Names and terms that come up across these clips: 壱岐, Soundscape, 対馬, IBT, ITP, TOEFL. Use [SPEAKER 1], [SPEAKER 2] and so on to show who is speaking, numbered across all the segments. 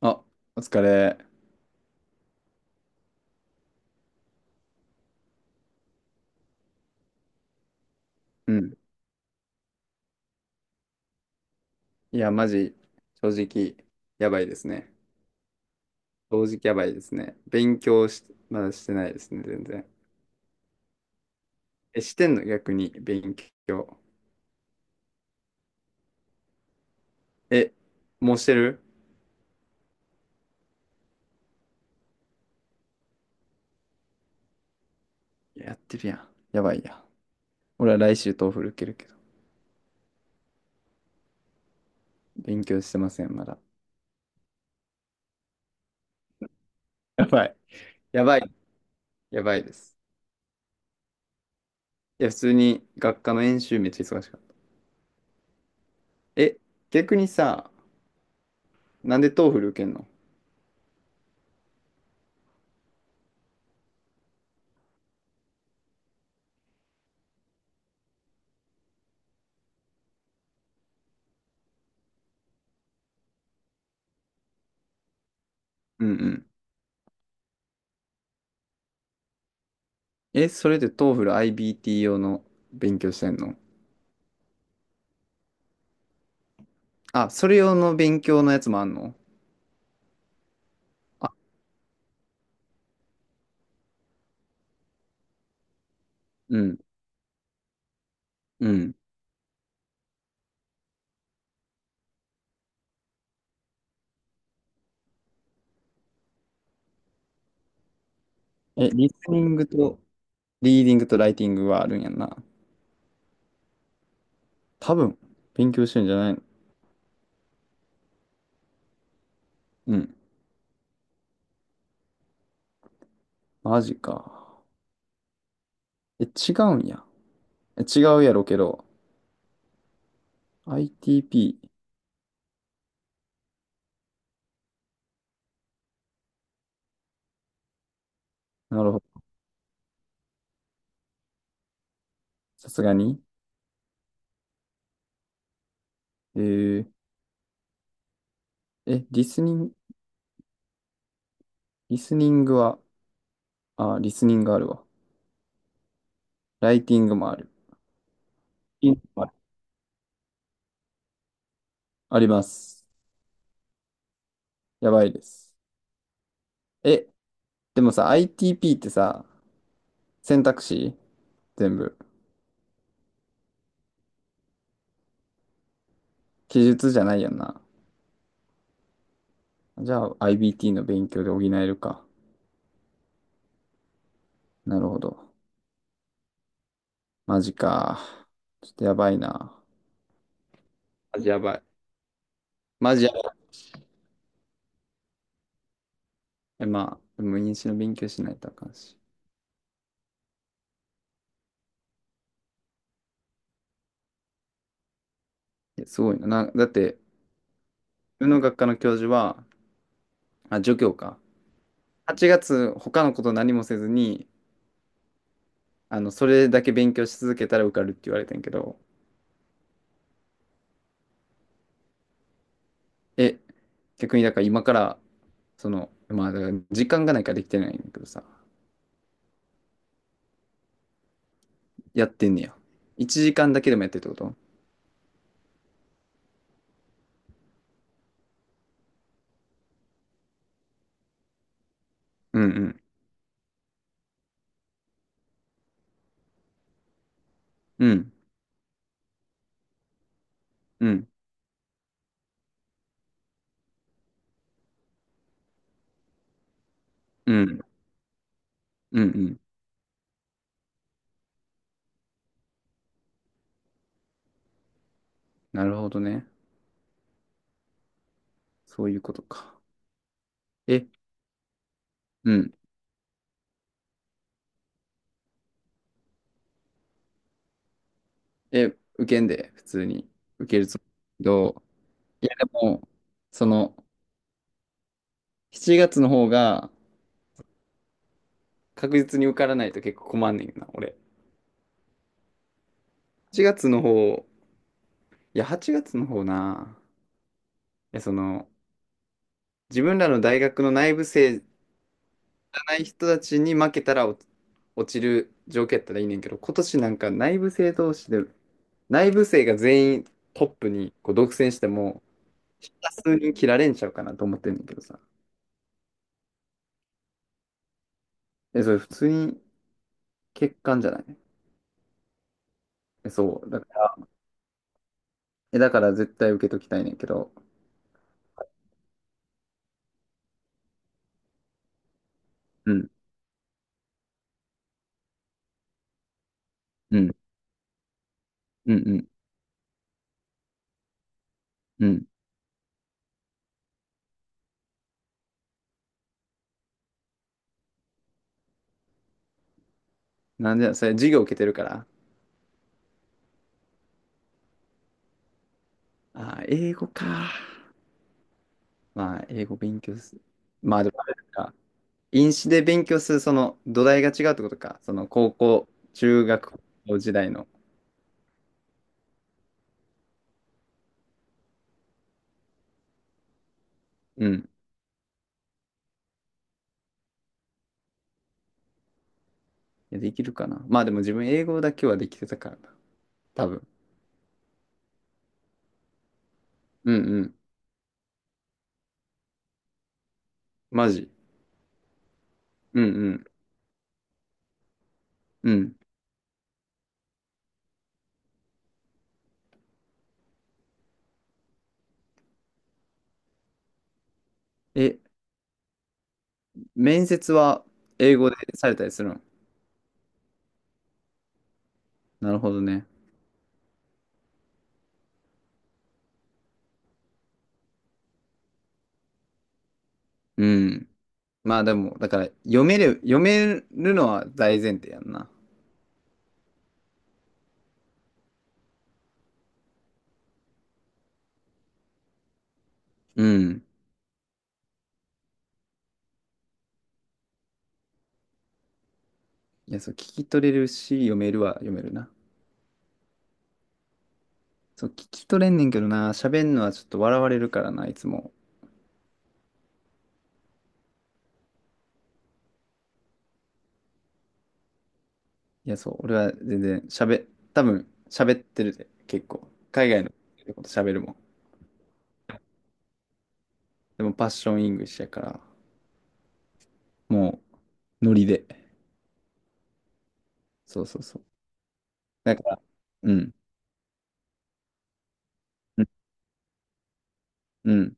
[SPEAKER 1] あ、お疲れ。うん。いや、マジ、正直、やばいですね。正直やばいですね。勉強し、まだしてないですね、全然。え、してんの逆に、勉強。え、もうしてる？いややってるやん。やばいや。俺は来週トーフル受けるけど、勉強してません、まだ。やばい。やばい。やばいです。いや、普通に学科の演習めっちゃ忙しかった。え、逆にさ、なんでトーフル受けんの？うんうん。え、それでトーフル IBT 用の勉強してんの？あ、それ用の勉強のやつもあんの？あ、うん、うん。え、リスニングと、リーディングとライティングはあるんやんな。多分、勉強してんじゃないの？うん。マジか。え、違うんや。え、違うやろけど。ITP。なるほど。さすがに。えー、え、リスニングは、あ、リスニングあるわ。ライティングもある。リーディングもある？あります。やばいです。え、でもさ、ITP ってさ、選択肢全部。記述じゃないよな。じゃあ IBT の勉強で補えるか。なるほど。マジか。ちょっとやばいな。マジやばい。マジやばい。えまあ、でも入試の勉強しないとあかんし。いや、すごいな。な、だって、自分の学科の教授は、あ、助教か。8月、他のこと何もせずに、それだけ勉強し続けたら受かるって言われてんやけど、え、逆にだから今から、まあ、だから時間がないからできてないんだけどさ、やってんねや。1時間だけでもやってるってこと？うんうん。うん。うん。うん。うんうん。なるほどね。そういうことか。え、うん。え、受けんで、普通に。受けるつもりだけど、いやでも、その、7月の方が確実に受からないと結構困んねんな、俺。8月の方、いや、8月の方な。いや、その、自分らの大学の内部生じゃない人たちに負けたら落ちる条件やったらいいねんけど、今年なんか内部生同士で、内部生が全員トップにこう独占しても、普通に切られんちゃうかなと思ってんだけどさ。え、それ普通に欠陥じゃない？え、そう。だから、え、だから絶対受けときたいねんけど。うん、うん、うん、うん、うん。なんで、それ授業受けてるから。あー、英語か。まあ、英語勉強す。まあ、でもあれか。飲酒で勉強する、その土台が違うってことか。その高校、中学校時代の。うん。いやできるかな。まあでも自分英語だけはできてたからな。多分。うんうん。マジ。うんうん。うん。え、面接は英語でされたりするの？なるほどね。うん。まあでも、だから読める、読めるのは大前提やんな。うん。いや、そう、聞き取れるし、読めるは読めるな。そう、聞き取れんねんけどな、喋んのはちょっと笑われるからな、いつも。いや、そう、俺は全然喋、多分喋ってるで、結構。海外のこと喋るもん。でもパッションイングリッシュやから、もう、ノリで。そうそうそう。だから、うん。うん。うん。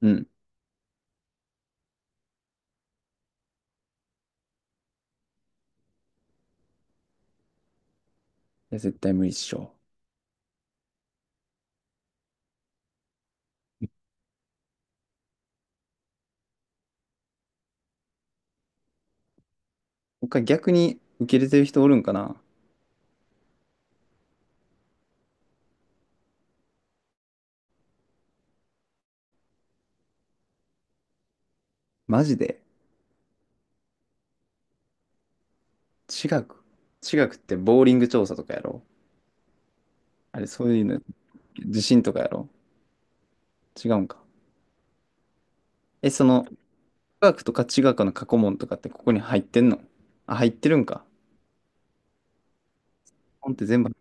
[SPEAKER 1] うん。いや、絶対無理っしょ。他逆に受け入れてる人おるんかな？マジで？地学。地学ってボーリング調査とかやろ？あれ、そういうの、地震とかやろ？違うんか。え、地学とか地学の過去問とかってここに入ってんの？あ、入ってるんか。本って全部。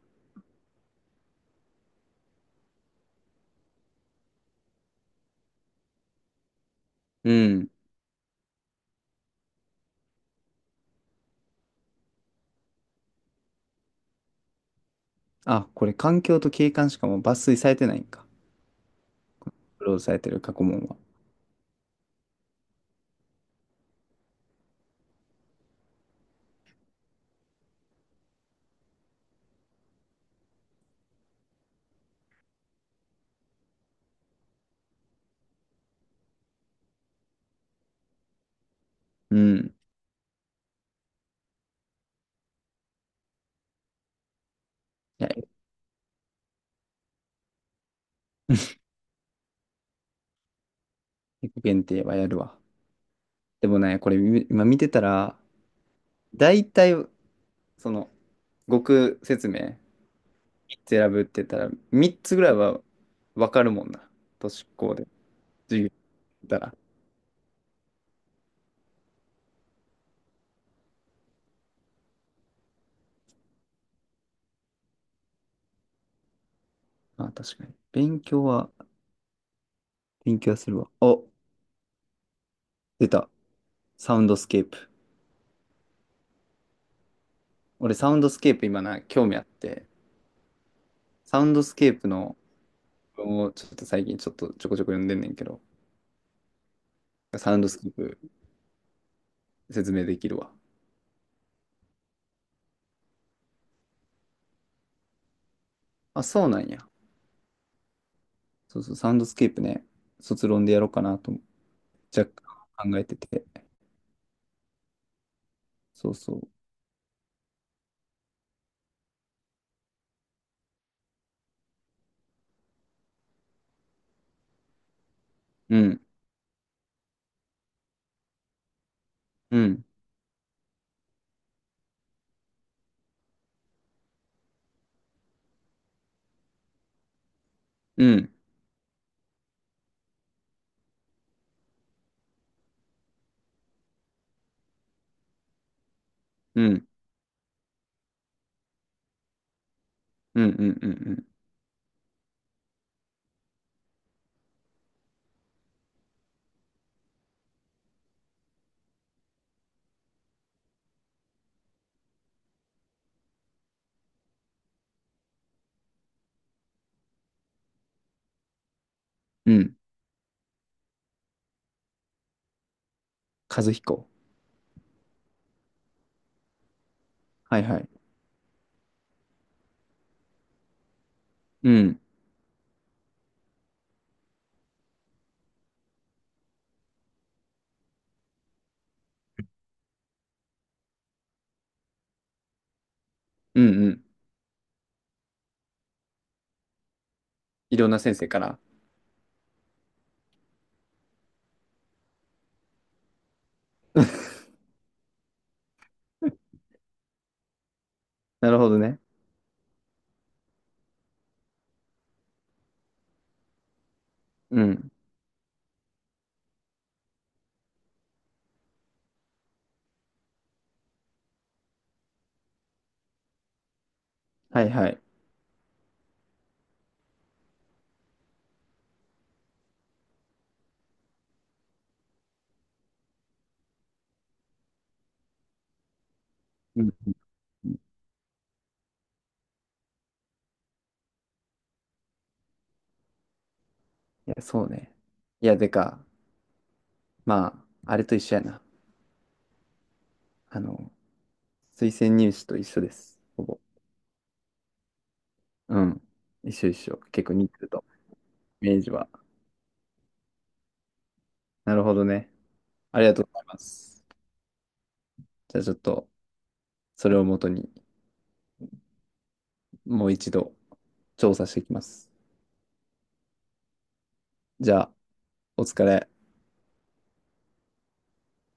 [SPEAKER 1] うん。あ、これ環境と景観しかもう抜粋されてないんか。クローズされてる過去問は。うん。いや、自己限定はやるわ。でもね、これ今見てたら、大体、その、語句説明。選ぶって言ったら、3つぐらいはわかるもんな。都市高で授業やったら。あ、確かに。勉強は、するわ。お、出た。サウンドスケープ。俺、サウンドスケープ今な、興味あって、サウンドスケープの文をちょっと最近ちょっとちょこちょこ読んでんねんけど、サウンドスケープ説明できるわ。あ、そうなんや。そうそう、サウンドスケープね、卒論でやろうかなと若干考えてて。そうそう。うん、うん、うん、うん、うん、うん、うん、うん。うん。和彦。はいはい。うん。うんうん。いろんな先生から。なるほどね。うん。はいはい。うんうんうん。いや、そうね。いや、まあ、あれと一緒やな。あの、推薦入試と一緒です。ほぼ。うん。一緒一緒。結構似てると。イメージは。なるほどね。ありがとうございます。じゃあちょっと、それをもとに、もう一度、調査していきます。じゃあ、お疲れ。